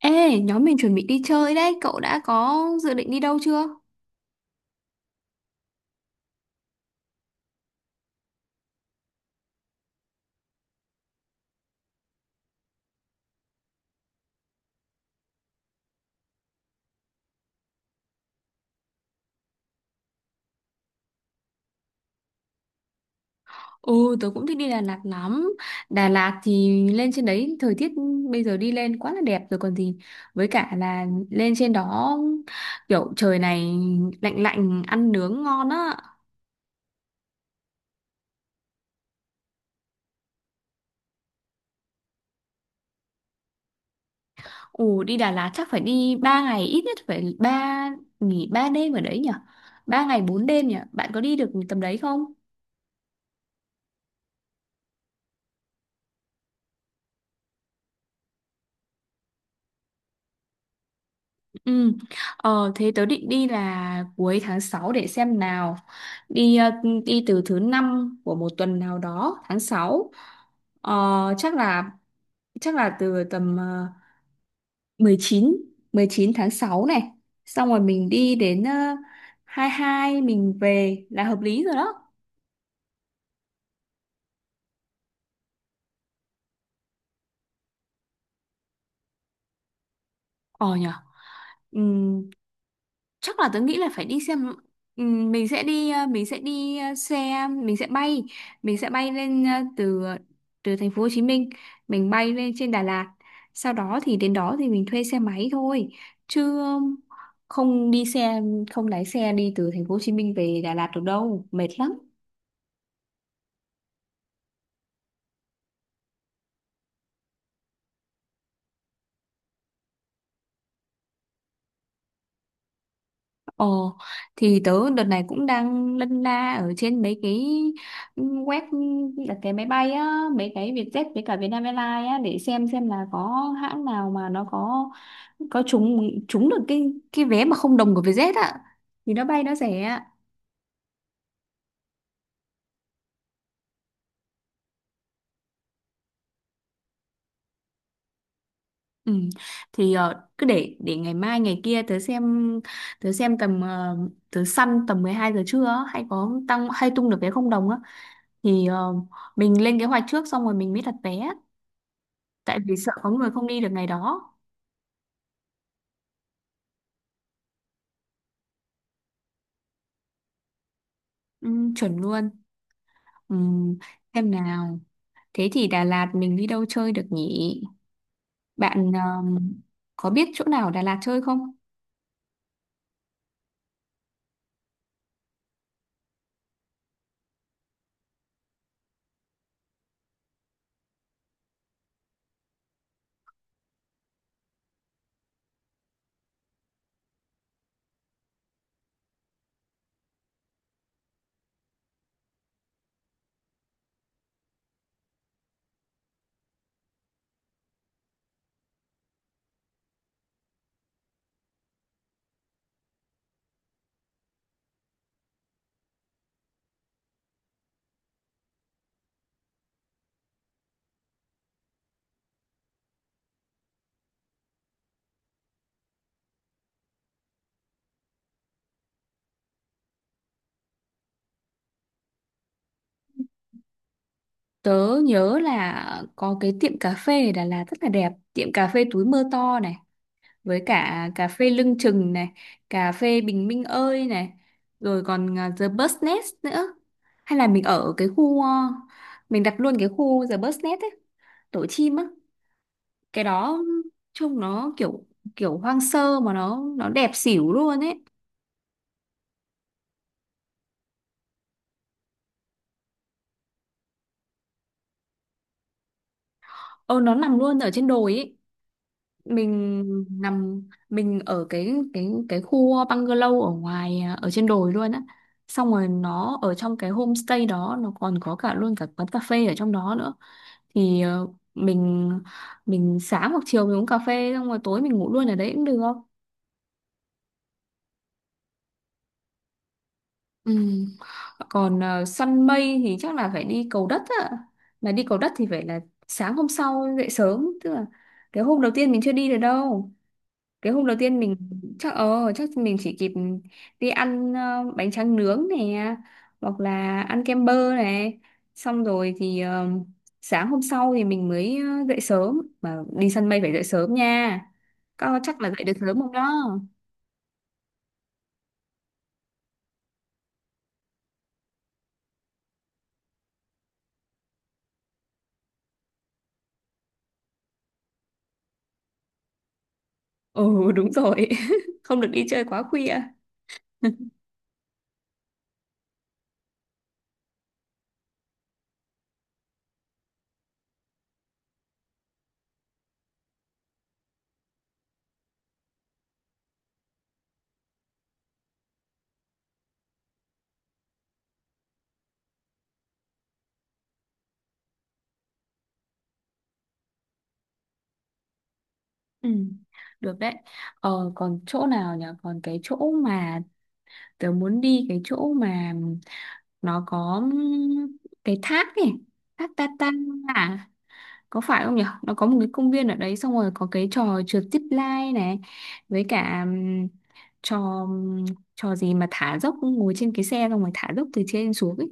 Ê, nhóm mình chuẩn bị đi chơi đấy, cậu đã có dự định đi đâu chưa? Ừ, tớ cũng thích đi Đà Lạt lắm. Đà Lạt thì lên trên đấy thời tiết bây giờ đi lên quá là đẹp rồi còn gì. Với cả là lên trên đó kiểu trời này lạnh lạnh ăn nướng ngon á. Ồ, đi Đà Lạt chắc phải đi 3 ngày, ít nhất phải nghỉ 3 đêm ở đấy nhỉ? 3 ngày 4 đêm nhỉ? Bạn có đi được tầm đấy không? Ừ. Ờ, thế tớ định đi là cuối tháng sáu, để xem nào. Đi ờ, đi từ thứ năm của một tuần nào đó, tháng sáu. Ờ, chắc là chắc là từ tầm 19 tháng 6 này. Xong rồi mình đi đến 22 mình về là hợp lý rồi đó. Ờ nhở. Ừ, chắc là tớ nghĩ là phải đi xem. Mình sẽ đi ờ, mình sẽ đi ờ, xe mình sẽ bay, lên từ ờ, từ thành phố Hồ Chí Minh mình bay lên trên Đà Lạt, sau đó thì đến đó thì mình thuê xe máy thôi, chứ không đi xe không lái xe đi từ thành phố Hồ Chí Minh về Đà Lạt được đâu, mệt lắm. Ồ, thì tớ đợt này cũng đang lân la ở trên mấy cái web đặt vé máy bay á, mấy cái Vietjet với cả Vietnam Airlines á, để xem là có hãng nào mà nó có trúng trúng được cái vé mà không đồng của Vietjet á thì nó bay nó rẻ ạ. Ừ. Thì cứ để ngày mai ngày kia tớ xem tầm ờ, tớ săn tầm 12 giờ trưa á, hay có tăng hay tung được vé không đồng á, thì mình lên kế hoạch trước xong rồi mình mới đặt vé, tại vì sợ có người không đi được ngày đó. Ừ, chuẩn luôn. Ừ, xem nào, thế thì Đà Lạt mình đi đâu chơi được nhỉ? Bạn có biết chỗ nào ở Đà Lạt chơi không? Tớ nhớ là có cái tiệm cà phê ở Đà Lạt rất là đẹp, tiệm cà phê Túi Mơ To này, với cả cà phê Lưng Chừng này, cà phê Bình Minh Ơi này, rồi còn The Bus Nest nữa. Hay là mình ở cái khu, mình đặt luôn cái khu The Bus Nest ấy, Tổ Chim á. Cái đó trông nó kiểu kiểu hoang sơ mà nó đẹp xỉu luôn ấy. Ờ nó nằm luôn ở trên đồi ấy, mình nằm mình ở cái khu bungalow ở ngoài, à, ở trên đồi luôn á. Xong rồi nó ở trong cái homestay đó, nó còn có cả luôn cả quán cà phê ở trong đó nữa. Thì mình mình sáng hoặc chiều mình uống cà phê xong rồi tối mình ngủ luôn ở đấy cũng được. Ừ. Còn săn mây thì chắc là phải đi Cầu Đất ạ. Mà đi Cầu Đất thì phải là sáng hôm sau dậy sớm, tức là cái hôm đầu tiên mình chưa đi được đâu. Cái hôm đầu tiên mình chắc mình chỉ kịp đi ăn bánh tráng nướng này, hoặc là ăn kem bơ này. Xong rồi thì sáng hôm sau thì mình mới dậy sớm, mà đi săn mây phải dậy sớm nha. Các con chắc là dậy được sớm không đó? Ừ, đúng rồi. Không được đi chơi quá khuya. Ừ, được đấy. Ờ, còn chỗ nào nhỉ? Còn cái chỗ mà tớ muốn đi, cái chỗ mà nó có cái thác này, thác Tatan, à, có phải không nhỉ? Nó có một cái công viên ở đấy, xong rồi có cái trò trượt zip line này, với cả trò trò gì mà thả dốc, ngồi trên cái xe xong rồi thả dốc từ trên xuống ấy.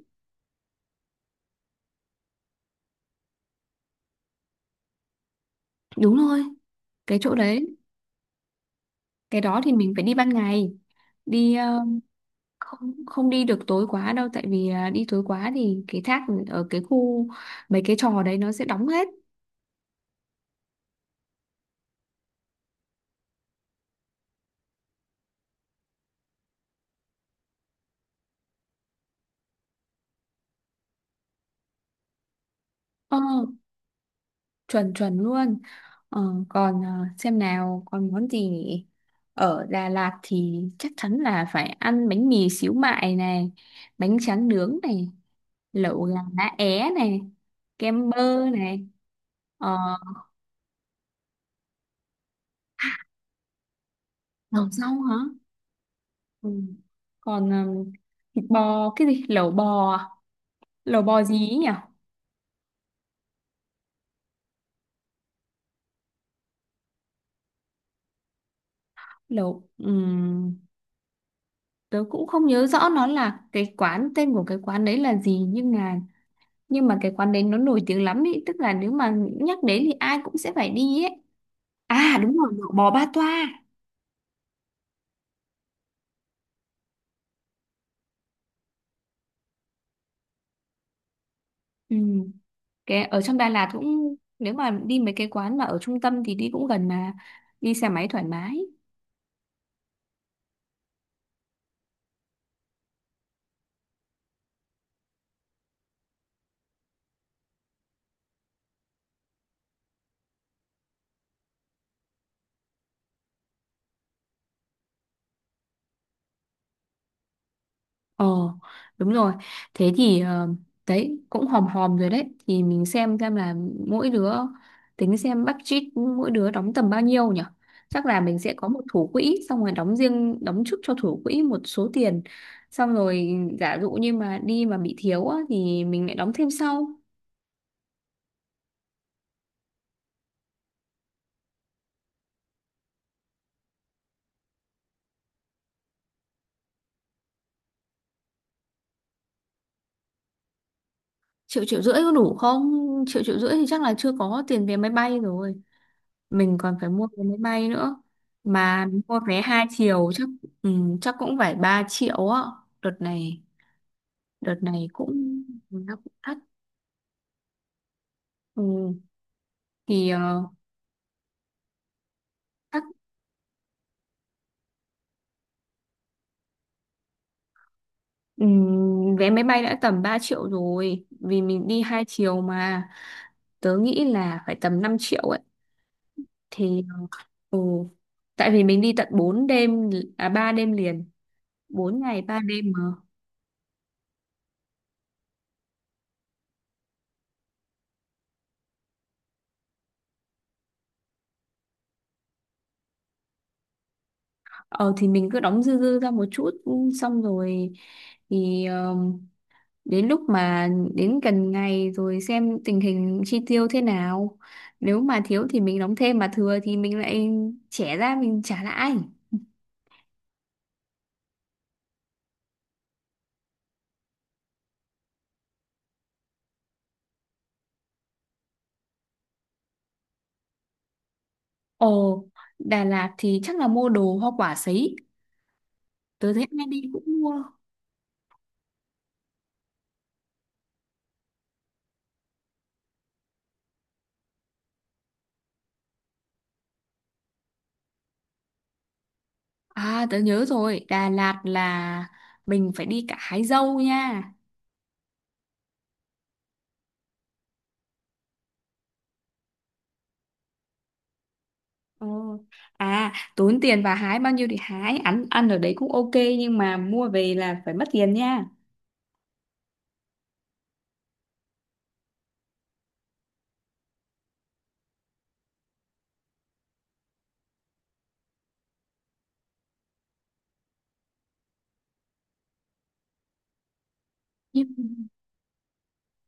Đúng rồi, cái chỗ đấy, cái đó thì mình phải đi ban ngày. Đi ờ, không không đi được tối quá đâu, tại vì à, đi tối quá thì cái thác ở cái khu, mấy cái trò đấy nó sẽ đóng hết. ờ chuẩn chuẩn luôn. ờ, còn à, xem nào, còn món gì nhỉ? Ở Đà Lạt thì chắc chắn là phải ăn bánh mì xíu mại này, bánh tráng nướng này, lẩu gà lá é này, kem bơ này. ờ, lẩu rau hả? Ừ. Còn à, thịt bò, cái gì lẩu bò à? Lẩu bò gì ấy nhỉ? Lẩu tớ cũng không nhớ rõ nó là cái quán, tên của cái quán đấy là gì, nhưng mà cái quán đấy nó nổi tiếng lắm ý, tức là nếu mà nhắc đến thì ai cũng sẽ phải đi ấy. À đúng rồi, lẩu bò Ba Toa. Ừm, cái ở trong Đà Lạt cũng, nếu mà đi mấy cái quán mà ở trung tâm thì đi cũng gần mà, đi xe máy thoải mái. Ồ, đúng rồi. Thế thì đấy cũng hòm hòm rồi đấy. Thì mình xem là mỗi đứa tính xem budget mỗi đứa đóng tầm bao nhiêu nhỉ? Chắc là mình sẽ có một thủ quỹ, xong rồi đóng riêng, đóng trước cho thủ quỹ một số tiền. Xong rồi giả dụ như mà đi mà bị thiếu á, thì mình lại đóng thêm sau. Triệu triệu rưỡi có đủ không? Triệu triệu rưỡi thì chắc là chưa có tiền vé máy bay rồi. Mình còn phải mua vé máy bay nữa, mà mua vé hai chiều chắc. Ừ, chắc cũng phải 3 triệu á. Đợt này đợt này cũng, nó cũng thắt. Ừ, thì chắc ừ, vé máy bay đã tầm 3 triệu rồi, vì mình đi hai chiều mà. Tớ nghĩ là phải tầm 5 triệu ấy. Thì ừ, tại vì mình đi tận 4 đêm, à 3 đêm liền, 4 ngày 3 đêm mà. Ờ thì mình cứ đóng dư dư ra một chút. Ừ, xong rồi thì ờ, đến lúc mà đến gần ngày rồi xem tình hình chi tiêu thế nào, nếu mà thiếu thì mình đóng thêm, mà thừa thì mình lại trẻ ra mình trả lại. Ồ, Đà Lạt thì chắc là mua đồ hoa quả sấy, tớ thấy ai đi cũng mua. À, tớ nhớ rồi, Đà Lạt là mình phải đi cả hái dâu nha. Ờ. À, tốn tiền, và hái bao nhiêu thì hái, ăn ăn ở đấy cũng ok, nhưng mà mua về là phải mất tiền nha.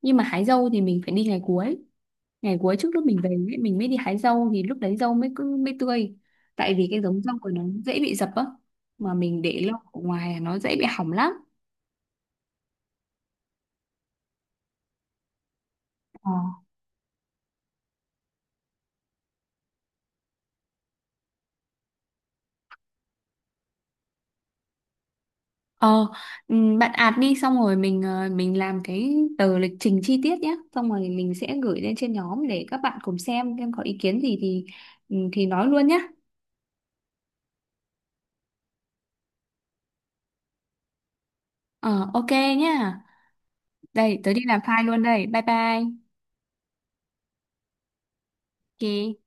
Nhưng mà hái dâu thì mình phải đi ngày cuối, ngày cuối trước lúc mình về ấy, mình mới đi hái dâu, thì lúc đấy dâu mới cứ mới tươi, tại vì cái giống dâu của nó dễ bị dập á, mà mình để lâu ở ngoài là nó dễ bị hỏng lắm. Ờ. ờ bạn ạt đi xong rồi mình làm cái tờ lịch trình chi tiết nhé, xong rồi mình sẽ gửi lên trên nhóm để các bạn cùng xem có ý kiến gì thì nói luôn nhé. Ờ, ok nhá, đây tớ đi làm file luôn đây, bye bye. Ok.